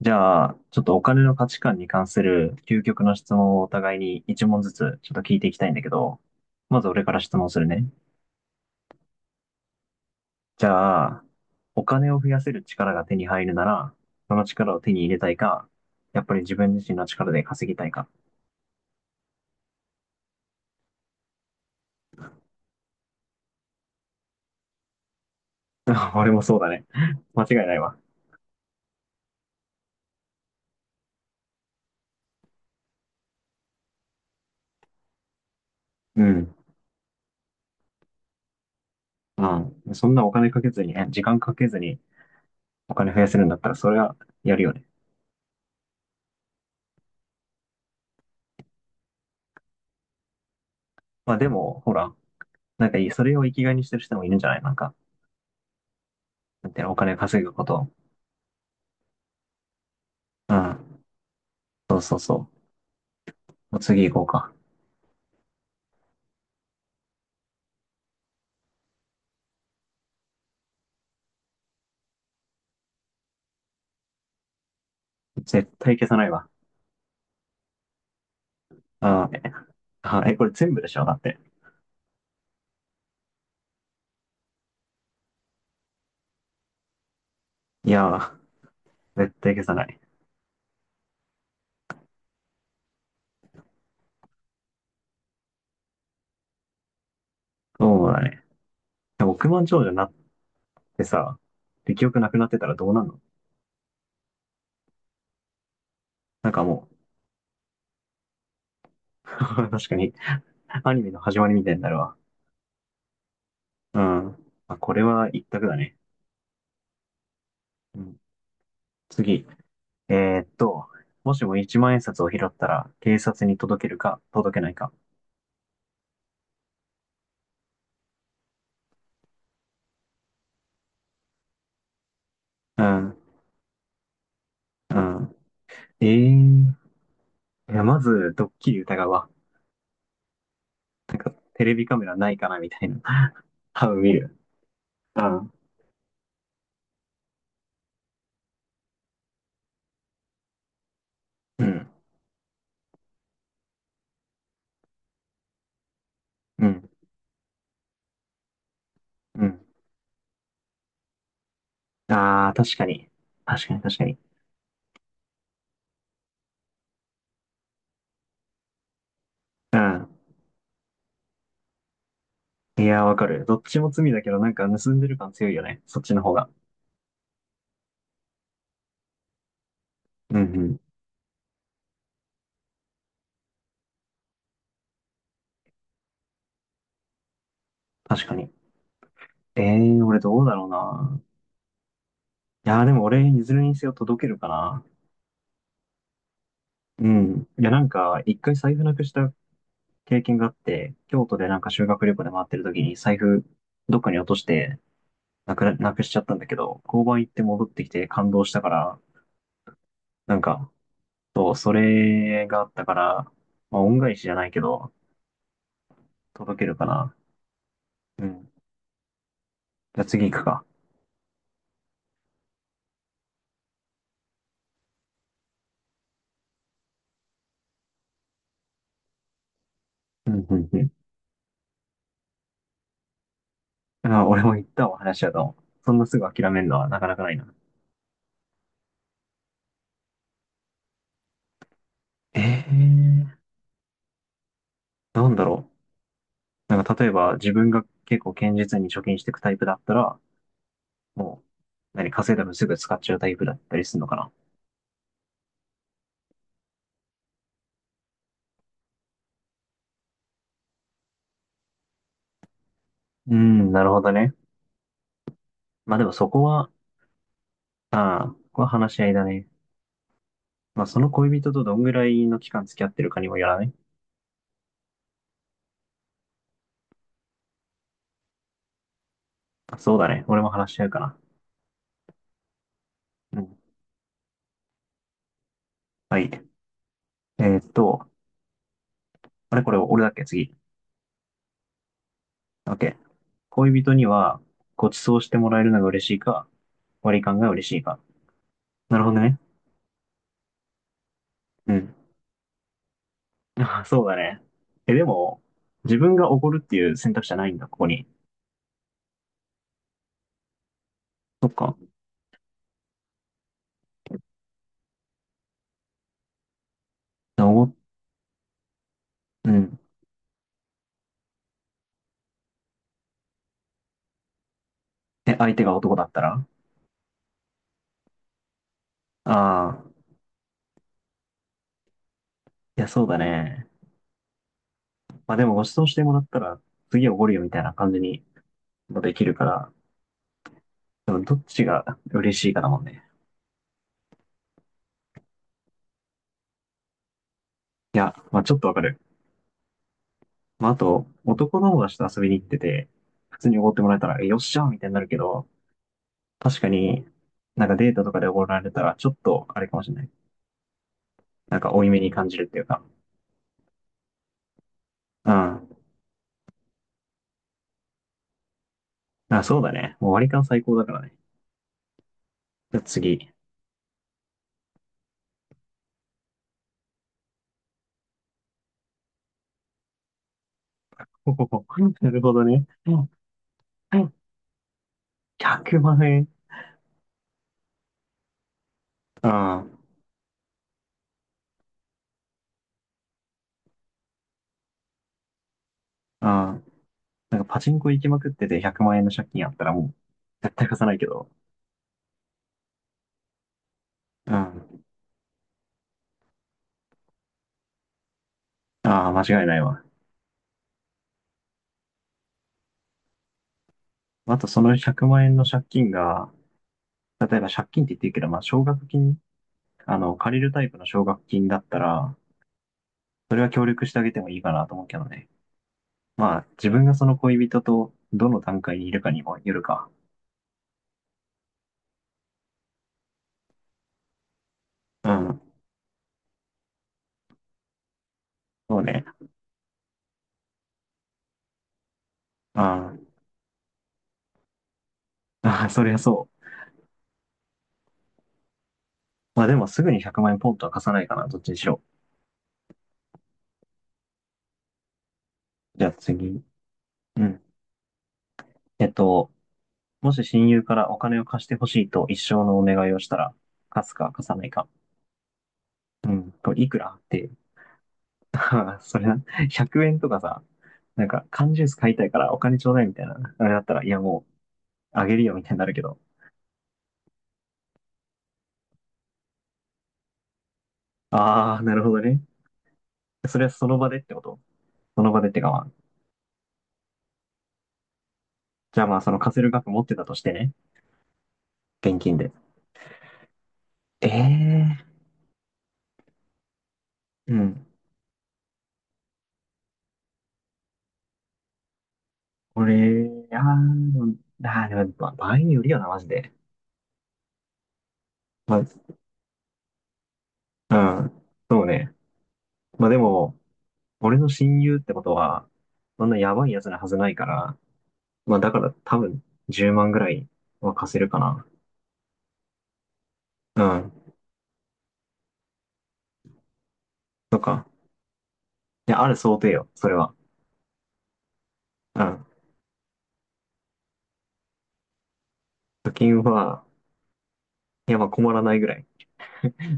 じゃあ、ちょっとお金の価値観に関する究極の質問をお互いに一問ずつちょっと聞いていきたいんだけど、まず俺から質問するね。じゃあ、お金を増やせる力が手に入るなら、その力を手に入れたいか、やっぱり自分自身の力で稼ぎたいか。俺もそうだね。間違いないわ。うん。うん。そんなお金かけずにね、時間かけずにお金増やせるんだったら、それはやるよね。まあでも、ほら、なんかいいそれを生きがいにしてる人もいるんじゃないなんか、なんていうのお金稼ぐことを。うん。そうそうそう。もう次行こうか。絶対消さないわ。あーえ、あーえ、これ全部でしょだって。いやー、絶対消さない。そうだね。でも億万長者になってさ、で、記憶なくなってたらどうなんの。なんかもう、確かに、アニメの始まりみたいになるわ。うん。まあ、これは一択だね。うん。次。えーっと、もしも一万円札を拾ったら、警察に届けるか、届けないか。うん。うん。えー。いや、まず、ドッキリ疑うわ。なんかテレビカメラないかなみたいな。多分見る。うん。うん。うん。うん。ああ、確かに。確かに確かに。うん。いやー、わかる。どっちも罪だけど、なんか盗んでる感強いよね。そっちの方が。うんうん。確かに。ええー、俺どうだろうな。いやー、でも俺、いずれにせよ届けるかな。うん。いや、なんか、一回財布なくした経験があって、京都でなんか修学旅行で回ってる時に財布どっかに落として、なくしちゃったんだけど、交番行って戻ってきて感動したから、なんか、そう、それがあったから、まあ、恩返しじゃないけど、届けるかな。うん。じゃあ次行くか。うんうんうん。あ、俺も言ったわ、話し合うと。そんなすぐ諦めるのはなかなかないな。ええー、なんだろう。なんか例えば自分が結構堅実に貯金していくタイプだったら、もう、何、稼いだ分すぐ使っちゃうタイプだったりするのかな。うん、なるほどね。まあでもそこは、ああ、ここは話し合いだね。まあその恋人とどんぐらいの期間付き合ってるかにもよらない。まあそうだね。俺も話し合うかな。うん。はい。えーっと、あれこれ俺だっけ次。OK。恋人にはご馳走してもらえるのが嬉しいか、割り勘が嬉しいか。なるほどね。うん。あ、そうだね。でも、自分がおごるっていう選択肢はないんだ、ここに。そっか。じゃあおご、うん。え、相手が男だったら、ああいや、そうだね。まあでもご馳走してもらったら、次おごるよみたいな感じにもできるから、でもどっちが嬉しいかだもんね。いや、まあちょっとわかる。まあ、あと、男友達と遊びに行ってて、普通におごってもらえたら、えよっしゃーみたいになるけど、確かに、なんかデートとかでおごられたら、ちょっとあれかもしれない。なんか負い目に感じるっていうか。うん。あ、そうだね。もう割り勘最高だからね。じゃあ次。ほほほなるほどね。うんはい。100万円。うん。うん。なんかパチンコ行きまくってて100万円の借金あったらもう絶対貸さないけど。うん。ああ、間違いないわ。あとその100万円の借金が、例えば借金って言ってるけど、まあ奨学金、借りるタイプの奨学金だったら、それは協力してあげてもいいかなと思うけどね。まあ、自分がその恋人とどの段階にいるかにもよるか。うん。そうね。あああ、そりゃそう。まあでもすぐに100万円ポンとは貸さないかな、どっちにしろ。じゃあ次。うん。えっと、もし親友からお金を貸してほしいと一生のお願いをしたら、貸すか貸さないか。うん。これいくらって、それな、100円とかさ、なんか缶ジュース買いたいからお金ちょうだいみたいな、あれだったら、いやもう、あげるよみたいになるけど。ああ、なるほどね。それはその場でってことその場でってかまあ、じゃあまあその貸せる額持ってたとしてね。現金で。ええー、うん。これ、でも、まあ、場合によるよな、マジで。まあ、うん。そうね。まあでも、俺の親友ってことは、そんなやばいやつなはずないから、まあだから多分10万ぐらいは貸せるかな。うん。とか。いや、ある想定よ、それは。うん。貯金は、いやまあ困らないぐらい。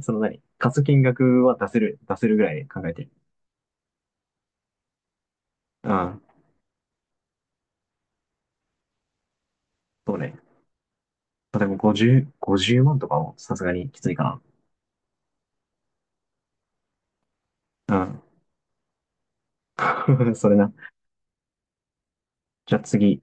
その何貸す金額は出せるぐらい考えてる。うん。そうね。でも50万とかもさすがにきついかな。うん。それな。じゃあ次。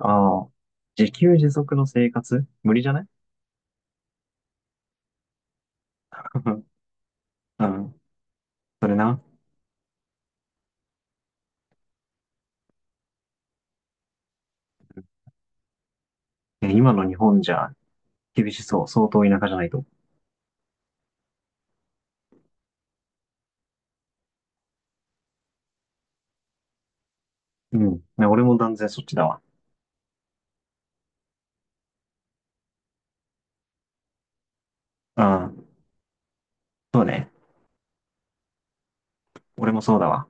ああ。自給自足の生活無理じゃない？ うん。それな。今の日本じゃ厳しそう。相当田舎じゃないと。うん。ね俺も断然そっちだわ。うん。そうね。俺もそうだわ。